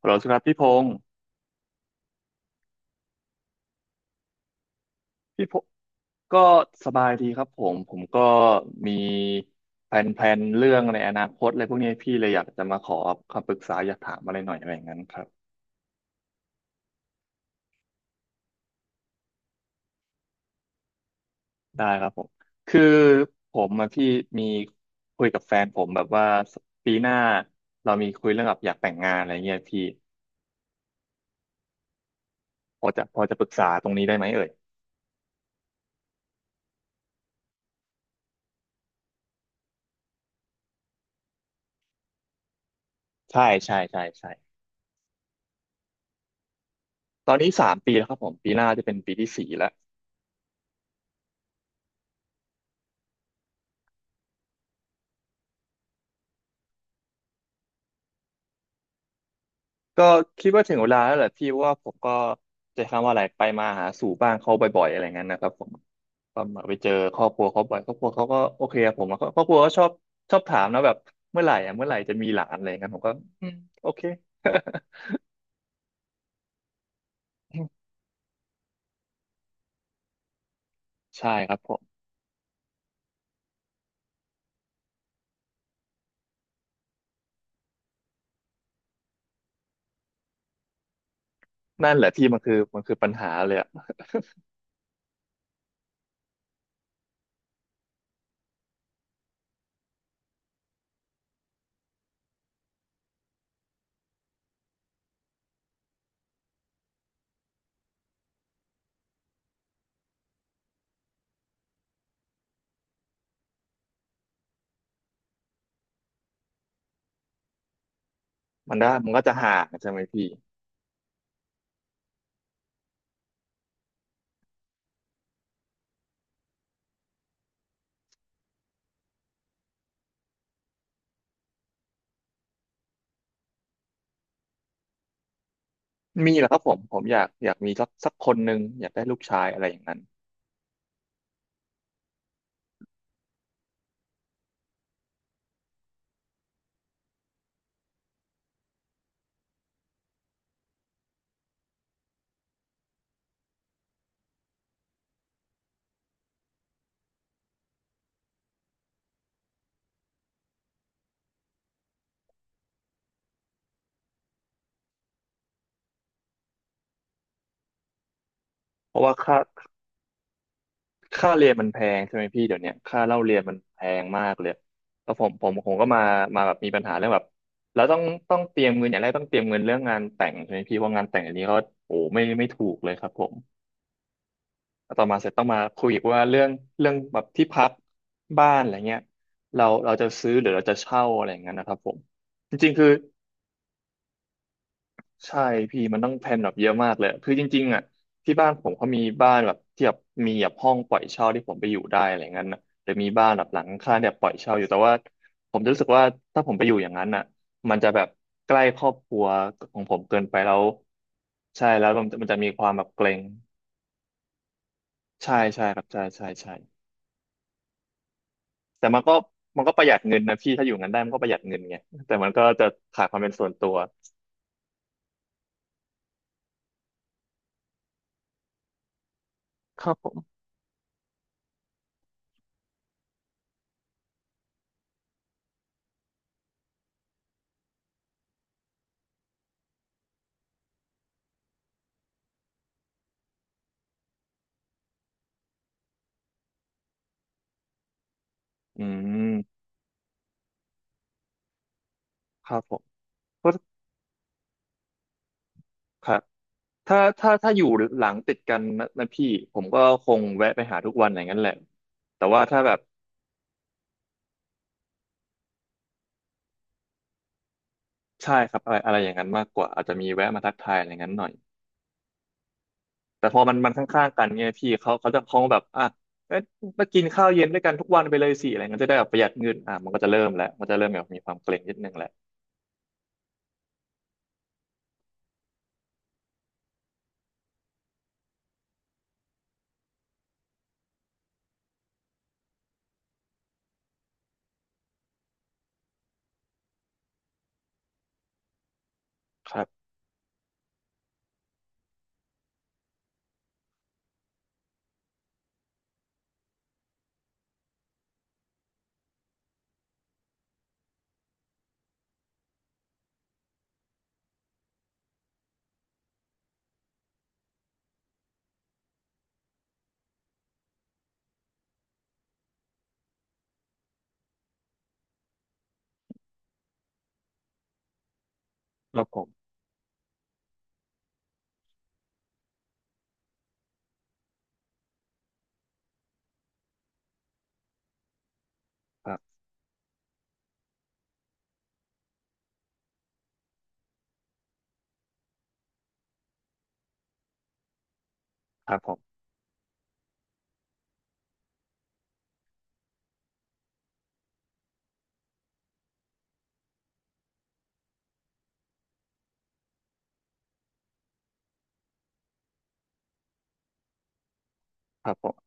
ฮัลโหลครับพี่พงศ์ก็สบายดีครับผมก็มีแผนๆเรื่องในอนาคตอะไรพวกนี้พี่เลยอยากจะมาขอคำปรึกษาอยากถามอะไรหน่อยอะไรอย่างนั้นครับได้ครับผมคือผมอะพี่มีคุยกับแฟนผมแบบว่าปีหน้าเรามีคุยเรื่องแบบอยากแต่งงานอะไรเงี้ยพี่พอจะปรึกษาตรงนี้ได้ไหมเอ่ยใช่ใช่ใช่ใช่ตอนนี้สามปีแล้วครับผมปีหน้าจะเป็นปีที่สี่แล้ว ก็คิดว่าถึงเวลาแล้วแหละพี่เพราะว่าผมก็จะคำว่าอะไรไปมาหาสู่บ้านเขาบ่อยๆอะไรเงี้ยนะครับผมก็มาไปเจอครอบครัวเขาบ่อยครอบครัวเขาก็โอเคกับผมอะครอบครัวก็ชอบชอบถามนะแบบเมื่อไหร่อ่ะเมื่อไหร่จะมีหลานอะไรเงี้ยผมก็อืมโอเค ใช่ครับผมนั่นแหละพี่มันคือปัญหาเลยอ่ะมันได้มันก็จะห่างใช่ไหมพี่มีแหละครับผมผมอยากมีสักคนหนึ่งอยากได้ลูกชายอะไรอย่างนั้นเพราะว่าค่าเรียนมันแพงใช่ไหมพี่เดี๋ยวเนี้ยค่าเล่าเรียนมันแพงมากเลยแล้วผมก็มาแบบมีปัญหาเรื่องแบบแล้วต้องเตรียมเงินอย่างแรกต้องเตรียมเงินเรื่องงานแต่งใช่ไหมพี่เพราะงานแต่งอันนี้ก็โอ้ไม่ถูกเลยครับผมแล้วต่อมาเสร็จต้องมาคุยอีกว่าเรื่องแบบที่พักบ้านอะไรเงี้ยเราจะซื้อหรือเราจะเช่าอะไรอย่างเงี้ยนะครับผมจริงๆคือ ใช่พี่มันต้องแพลนแบบเยอะมากเลยคือจริงๆอ่ะที่บ้านผมเขามีบ้านแบบที่แบบมีแบบห้องปล่อยเช่าที่ผมไปอยู่ได้อะไรเงี้ยนะหรือมีบ้านแบบหลังคาแบบปล่อยเช่าอยู่แต่ว่าผมจะรู้สึกว่าถ้าผมไปอยู่อย่างนั้นอ่ะมันจะแบบใกล้ครอบครัวของผมเกินไปแล้วใช่แล้วมันจะมีความแบบเกรงใช่ใช่ครับใช่ใช่ใช่แต่มันก็ประหยัดเงินนะพี่ถ้าอยู่งั้นได้มันก็ประหยัดเงินไงแต่มันก็จะขาดความเป็นส่วนตัวครับผมอืมครับผมก็ครับ ถ้าอยู่หลังติดกันนะพี่ผมก็คงแวะไปหาทุกวันอย่างนั้นแหละแต่ว่าถ้าแบบใช่ครับอะไรอะไรอย่างนั้นมากกว่าอาจจะมีแวะมาทักทายอะไรอย่างนั้นหน่อยแต่พอมันข้างๆกันไงีพี่เขาจะคงแบบอ่ะเอ๊ะมากินข้าวเย็นด้วยกันทุกวันไปเลยสิอะไรเงี้ยจะได้แบบประหยัดเงินอ่ะมันก็จะเริ่มแล้วมันจะเริ่มแบบมีความเกรงนิดนึงแหละครับครับผมครับครับผมครับผม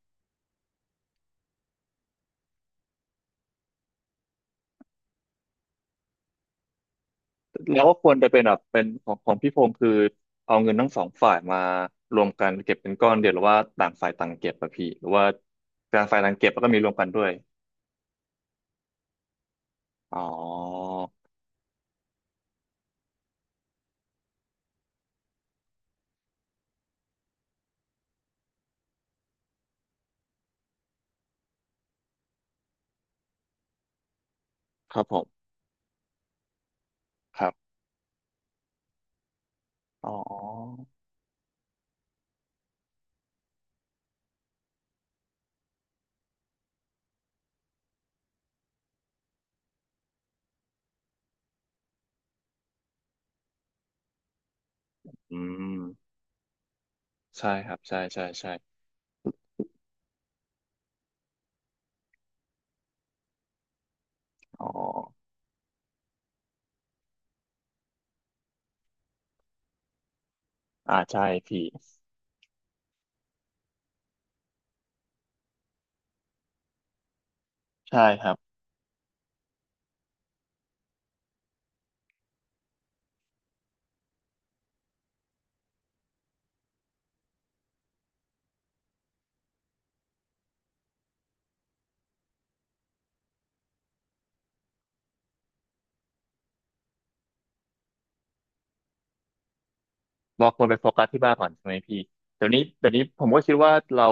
เราก็ควรจะเป็นแบบเป็นของของพี่พงศ์คือเอาเงินทั้งสองฝ่ายมารวมกันเก็บเป็นก้อนเดียวหรือว่าต่างฝ่ายต่างเก็บอะพี่หรือว่าต่างฝ่ายต่างเก็บแล้วก็มีรวมกันด้วยอ๋อครับผมครับอ๋ออืมใช่ครับใช่ใช่ใช่อ๋ออ่าใช่พี่ใช่ครับเราควรไปโฟกัสที่บ้านก่อนใช่ไหมพี่เดี๋ยวนี้เดี๋ยวนี้ผมก็คิดว่าเรา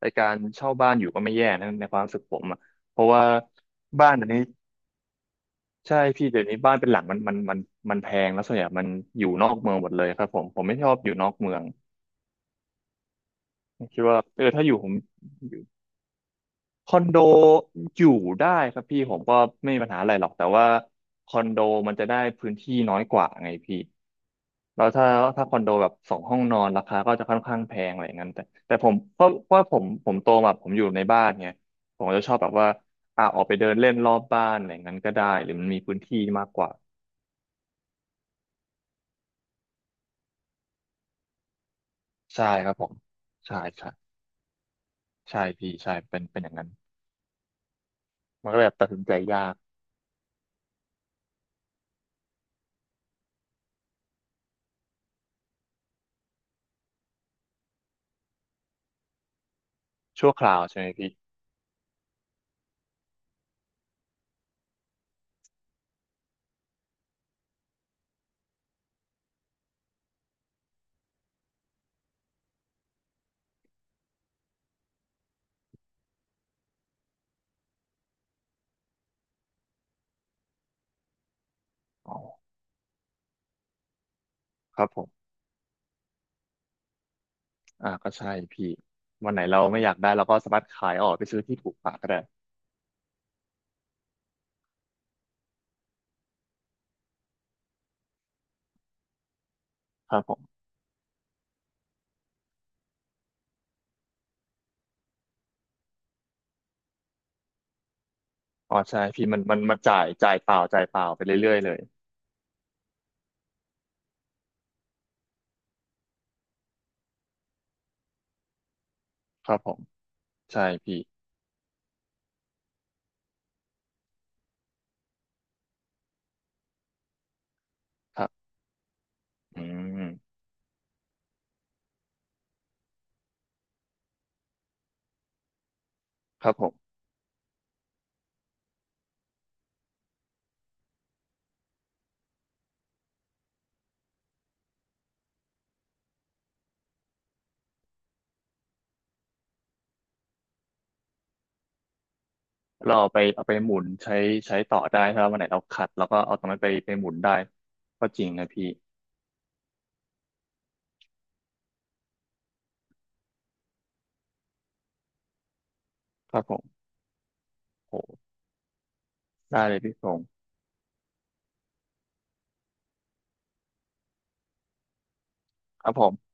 ในการเช่าบ้านอยู่ก็ไม่แย่นะในความรู้สึกผมอะเพราะว่าบ้านเดี๋ยวนี้ ใช่พี่เดี๋ยวนี้บ้านเป็นหลังมันแพงแล้วส่วนใหญ่มันอยู่นอกเมืองหมดเลยครับผมผมไม่ชอบอยู่นอกเมืองคิดว่าเออถ้าอยู่ผมอยู่คอนโดอยู่ได้ครับพี่ผมก็ไม่มีปัญหาอะไรหรอกแต่ว่าคอนโดมันจะได้พื้นที่น้อยกว่าไงพี่แล้วถ้าคอนโดแบบสองห้องนอนราคาก็จะค่อนข้างแพงอะไรอย่างนั้นแต่แต่ผมเพราะว่าผมโตมาผมอยู่ในบ้านไงผมจะชอบแบบว่าอ่ะออกไปเดินเล่นรอบบ้านอะไรอย่างนั้นก็ได้หรือมันมีพื้นที่มากกว่าใช่ครับผมใช่ใช่ ใช่พี่ใช่เป็นอย่างนั้นมันก็เลยแบบตัดสินใจยากชั่วคราวใช่ไหมพี่อ๋อครับผมอ่าก็ใช่พี่วันไหนเราไม่อยากได้เราก็สามารถขายออกไปซื้อที่ถูกกว่าก็ได้ครับผมอ๋อใช่พี่มันจ่ายเปล่าจ่ายเปล่าไปเรื่อยๆเลยครับผมใช่พี่ครับอืมครับผมเราเอาไปหมุนใช้ต่อได้ถ้าวันไหนเราขัดเราก็เอาตรงนั้นไปหมุนได้ก็จริงนะพี่ครับผมโหได้เลยพี่พงศ์ครับผม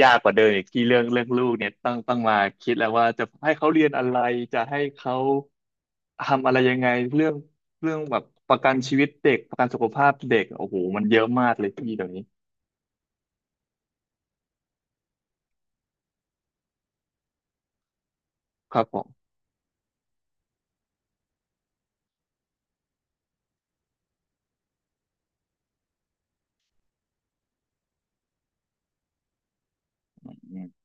ยากกว่าเดิมอีกที่เรื่องลูกเนี่ยต้องมาคิดแล้วว่าจะให้เขาเรียนอะไรจะให้เขาทำอะไรยังไงเรื่องเรื่องแบบประกันชีวิตเด็กประกันสุขภาพเด็กโอ้โหมันเยอะมากเลยพี่เดี๋ยวนี้ครับผมอืม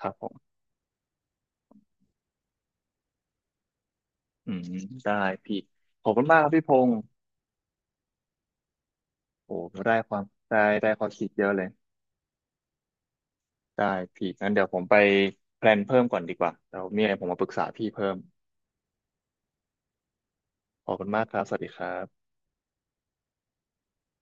ครับผมอืมได้พี่ขอบคุณมากครับพี่พงศ์โอ้โหได้ความได้ได้ความคิดเยอะเลยได้พี่งั้นเดี๋ยวผมไปแพลนเพิ่มก่อนดีกว่าเดี๋ยวมีอะไรผมมาปรึกษาพี่เพิ่มขอบคุณมากครับสวัสดีครับ